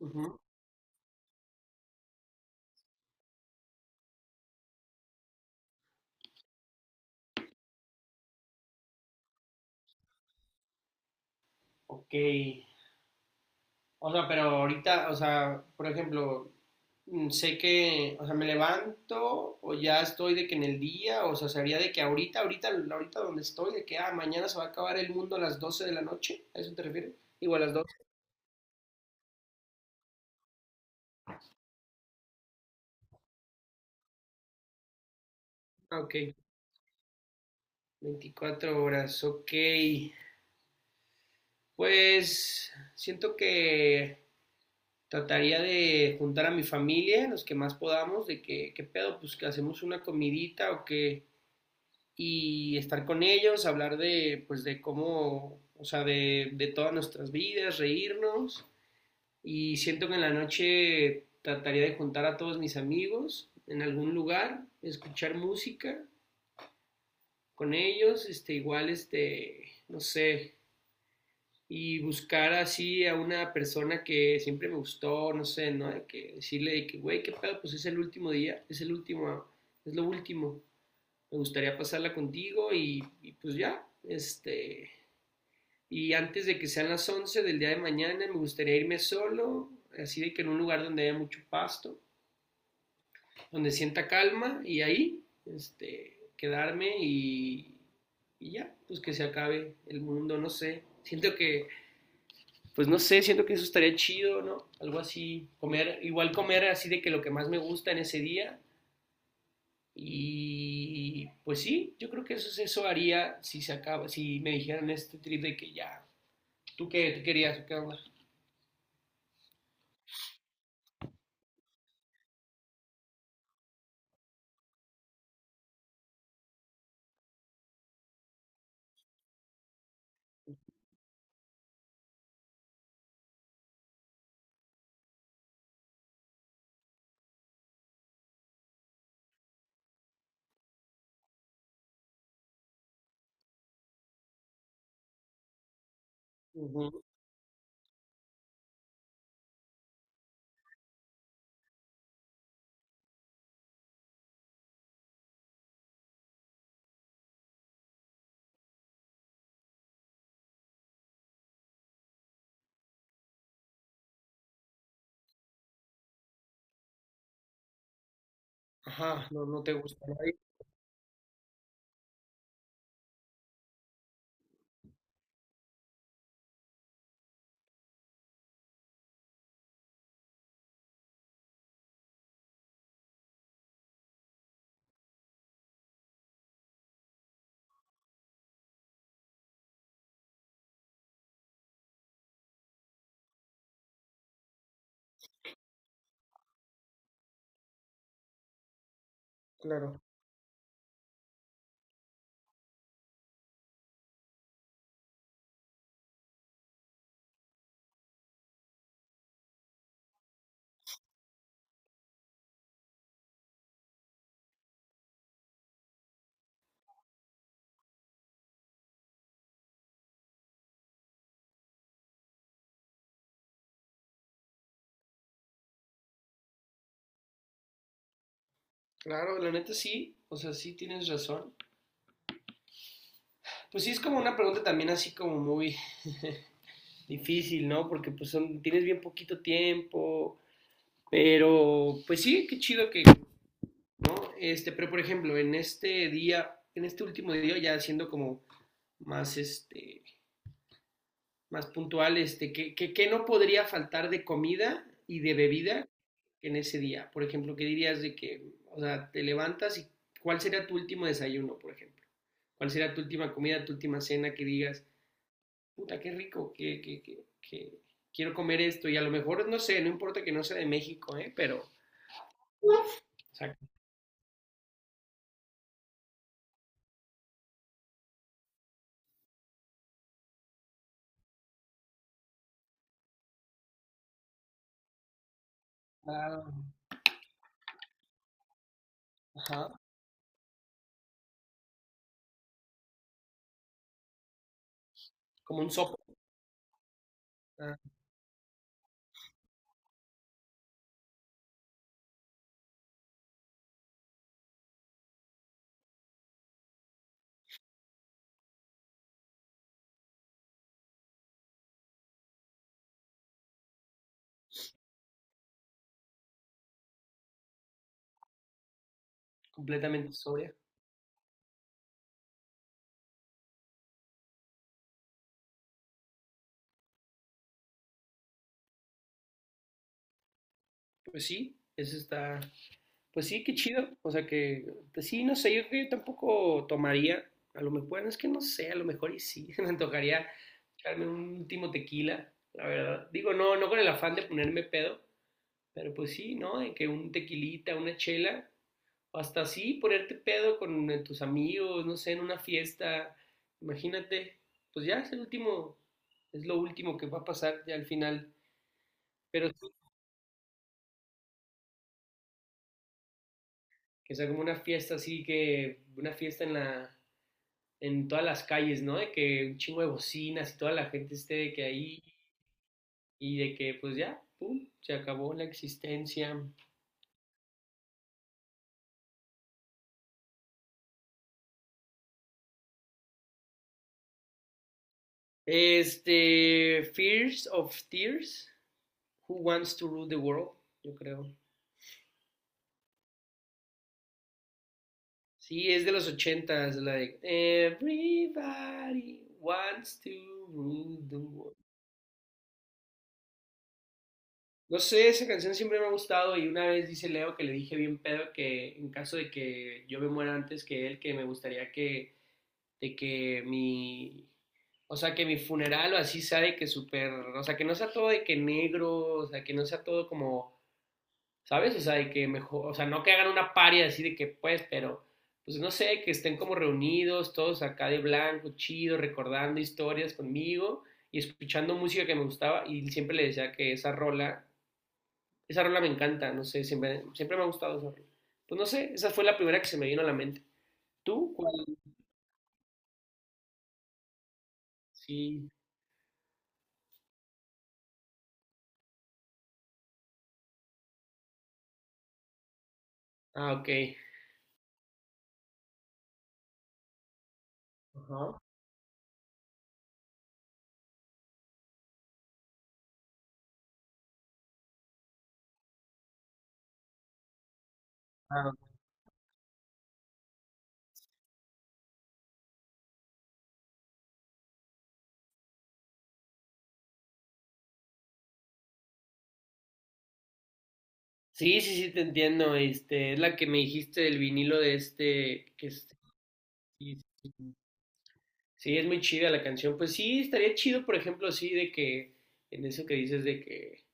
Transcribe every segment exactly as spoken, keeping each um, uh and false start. Ujú, ok. O sea, pero ahorita, o sea, por ejemplo, mm, sé que, o sea, me levanto o ya estoy de que en el día, o sea, sería de que ahorita, ahorita, ahorita donde estoy, de que, ah, mañana se va a acabar el mundo a las doce de la noche, ¿a eso te refieres? Igual a las doce. Ah, ok. Veinticuatro horas, ok. Pues siento que trataría de juntar a mi familia, los que más podamos, de que, ¿qué pedo? Pues que hacemos una comidita o que. Y estar con ellos, hablar de, pues, de cómo, o sea, de, de todas nuestras vidas, reírnos. Y siento que en la noche trataría de juntar a todos mis amigos en algún lugar, escuchar música con ellos, este, igual, este, no sé, y buscar así a una persona que siempre me gustó, no sé, ¿no? De que decirle de que, güey, qué pedo, pues es el último día, es el último, es lo último. Me gustaría pasarla contigo y, y pues ya, este, y antes de que sean las once del día de mañana, me gustaría irme solo, así de que en un lugar donde haya mucho pasto, donde sienta calma y ahí, este, quedarme y, y ya, pues que se acabe el mundo, no sé. Siento que, pues no sé, siento que eso estaría chido, ¿no? Algo así, comer, igual comer así de que lo que más me gusta en ese día. Y pues sí, yo creo que eso, es- eso haría si se acaba, si me dijeran este trip de que ya, ¿tú qué, qué querías o qué onda? Ujú. Ajá, no, no te gusta nadie, claro. Claro, la neta sí, o sea, sí tienes razón. Pues sí, es como una pregunta también así como muy difícil, ¿no? Porque pues son, tienes bien poquito tiempo, pero pues sí, qué chido que, ¿no? Este, pero por ejemplo, en este día, en este último día, ya siendo como más, este, más puntual, este, ¿qué, qué, qué no podría faltar de comida y de bebida en ese día? Por ejemplo, ¿qué dirías de que, o sea, te levantas y cuál sería tu último desayuno, por ejemplo? ¿Cuál sería tu última comida, tu última cena que digas, puta, qué rico, que, que, que, que quiero comer esto? Y a lo mejor, no sé, no importa que no sea de México, ¿eh? Pero, o sea, claro, ajá, como un sopa, ah, completamente sobria. Pues sí, eso está. Pues sí, qué chido. O sea que, pues sí, no sé, yo creo que yo tampoco tomaría. A lo mejor, bueno, es que no sé, a lo mejor y sí, me antojaría echarme un último tequila, la verdad. Digo, no, no con el afán de ponerme pedo, pero pues sí, ¿no? De que un tequilita, una chela, o hasta así ponerte pedo con eh, tus amigos, no sé, en una fiesta. Imagínate, pues ya es el último, es lo último que va a pasar ya al final. Pero sí, que sea como una fiesta así, que una fiesta en la en todas las calles, ¿no? De que un chingo de bocinas y toda la gente esté de que ahí y de que pues ya, pum, se acabó la existencia. Este, Fears of Tears, Who Wants to Rule the World, yo creo. Sí, es de los ochentas, la de Everybody Wants to Rule the World. No sé, esa canción siempre me ha gustado y una vez dice Leo que le dije bien pedo que en caso de que yo me muera antes que él, que me gustaría que de que mi, o sea, que mi funeral o así sea de que súper, o sea, que no sea todo de que negro, o sea, que no sea todo como, ¿sabes? O sea, de que mejor, o sea, no que hagan una paria así de que pues, pero, pues no sé, que estén como reunidos todos acá de blanco, chido, recordando historias conmigo y escuchando música que me gustaba y siempre le decía que esa rola, esa rola me encanta, no sé, siempre, siempre me ha gustado esa rola. Pues no sé, esa fue la primera que se me vino a la mente. ¿Tú? ¿Cuál? Sí. Ah, ok. Ajá. Ah, Sí, sí, sí, te entiendo. Este, es la que me dijiste del vinilo de este, que es- sí, sí, sí. Sí, es muy chida la canción. Pues sí, estaría chido, por ejemplo, sí, de que, en eso que dices de que,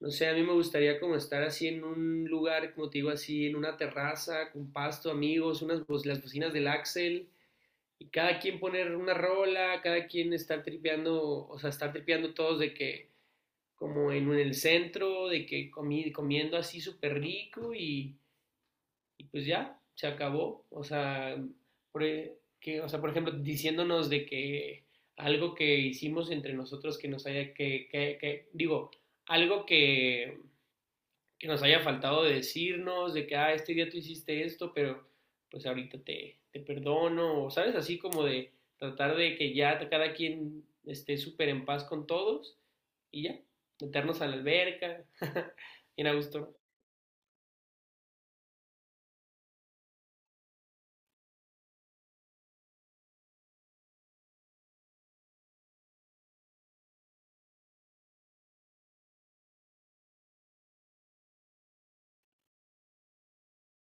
no sé, a mí me gustaría como estar así en un lugar, como te digo, así, en una terraza, con pasto, amigos, unas, bo- las bocinas del Axel, y cada quien poner una rola, cada quien estar tripeando, o sea, estar tripeando todos de que, como en, un- en el centro, de que comi- comiendo así súper rico y y pues ya, se acabó. O sea, por, que, o sea, por ejemplo, diciéndonos de que algo que hicimos entre nosotros que nos haya, que, que, que digo, algo que, que nos haya faltado de decirnos, de que, ah, este día tú hiciste esto, pero pues ahorita te, te perdono, o sabes, así como de tratar de que ya cada quien esté súper en paz con todos y ya, meternos a la alberca, bien a gusto.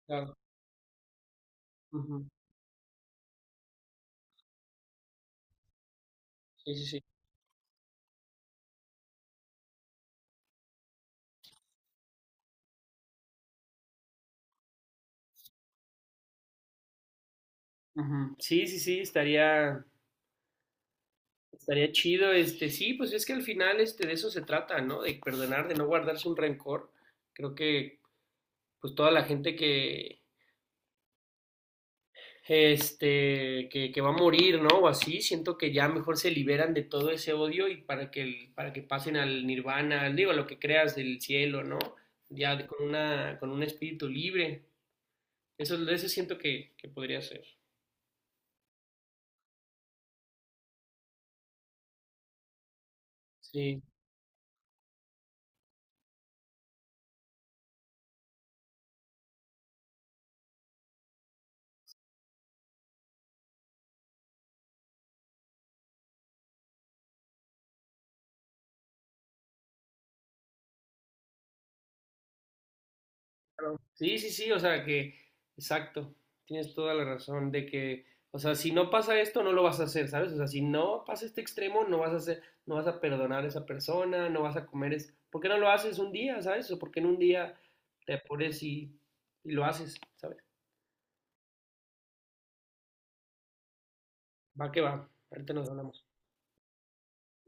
Claro. Ujú. Sí, sí, sí. Ujú. Sí, sí, sí, estaría, estaría chido, este, sí, pues es que al final, este, de eso se trata, ¿no? De perdonar, de no guardarse un rencor. Creo que, pues toda la gente que, este, que, que va a morir, ¿no? O así, siento que ya mejor se liberan de todo ese odio y para que, el- para que pasen al nirvana, digo, lo que creas del cielo, ¿no? Ya de- con una, con un espíritu libre. Eso, eso siento que, que podría ser. Sí. Claro. Sí, sí, sí, o sea que, exacto, tienes toda la razón de que, o sea, si no pasa esto, no lo vas a hacer, ¿sabes? O sea, si no pasa este extremo, no vas a hacer, no vas a perdonar a esa persona, no vas a comer, es, ¿por qué no lo haces un día? ¿Sabes? O porque en un día te pones y, y lo haces, ¿sabes? Va que va, ahorita nos hablamos.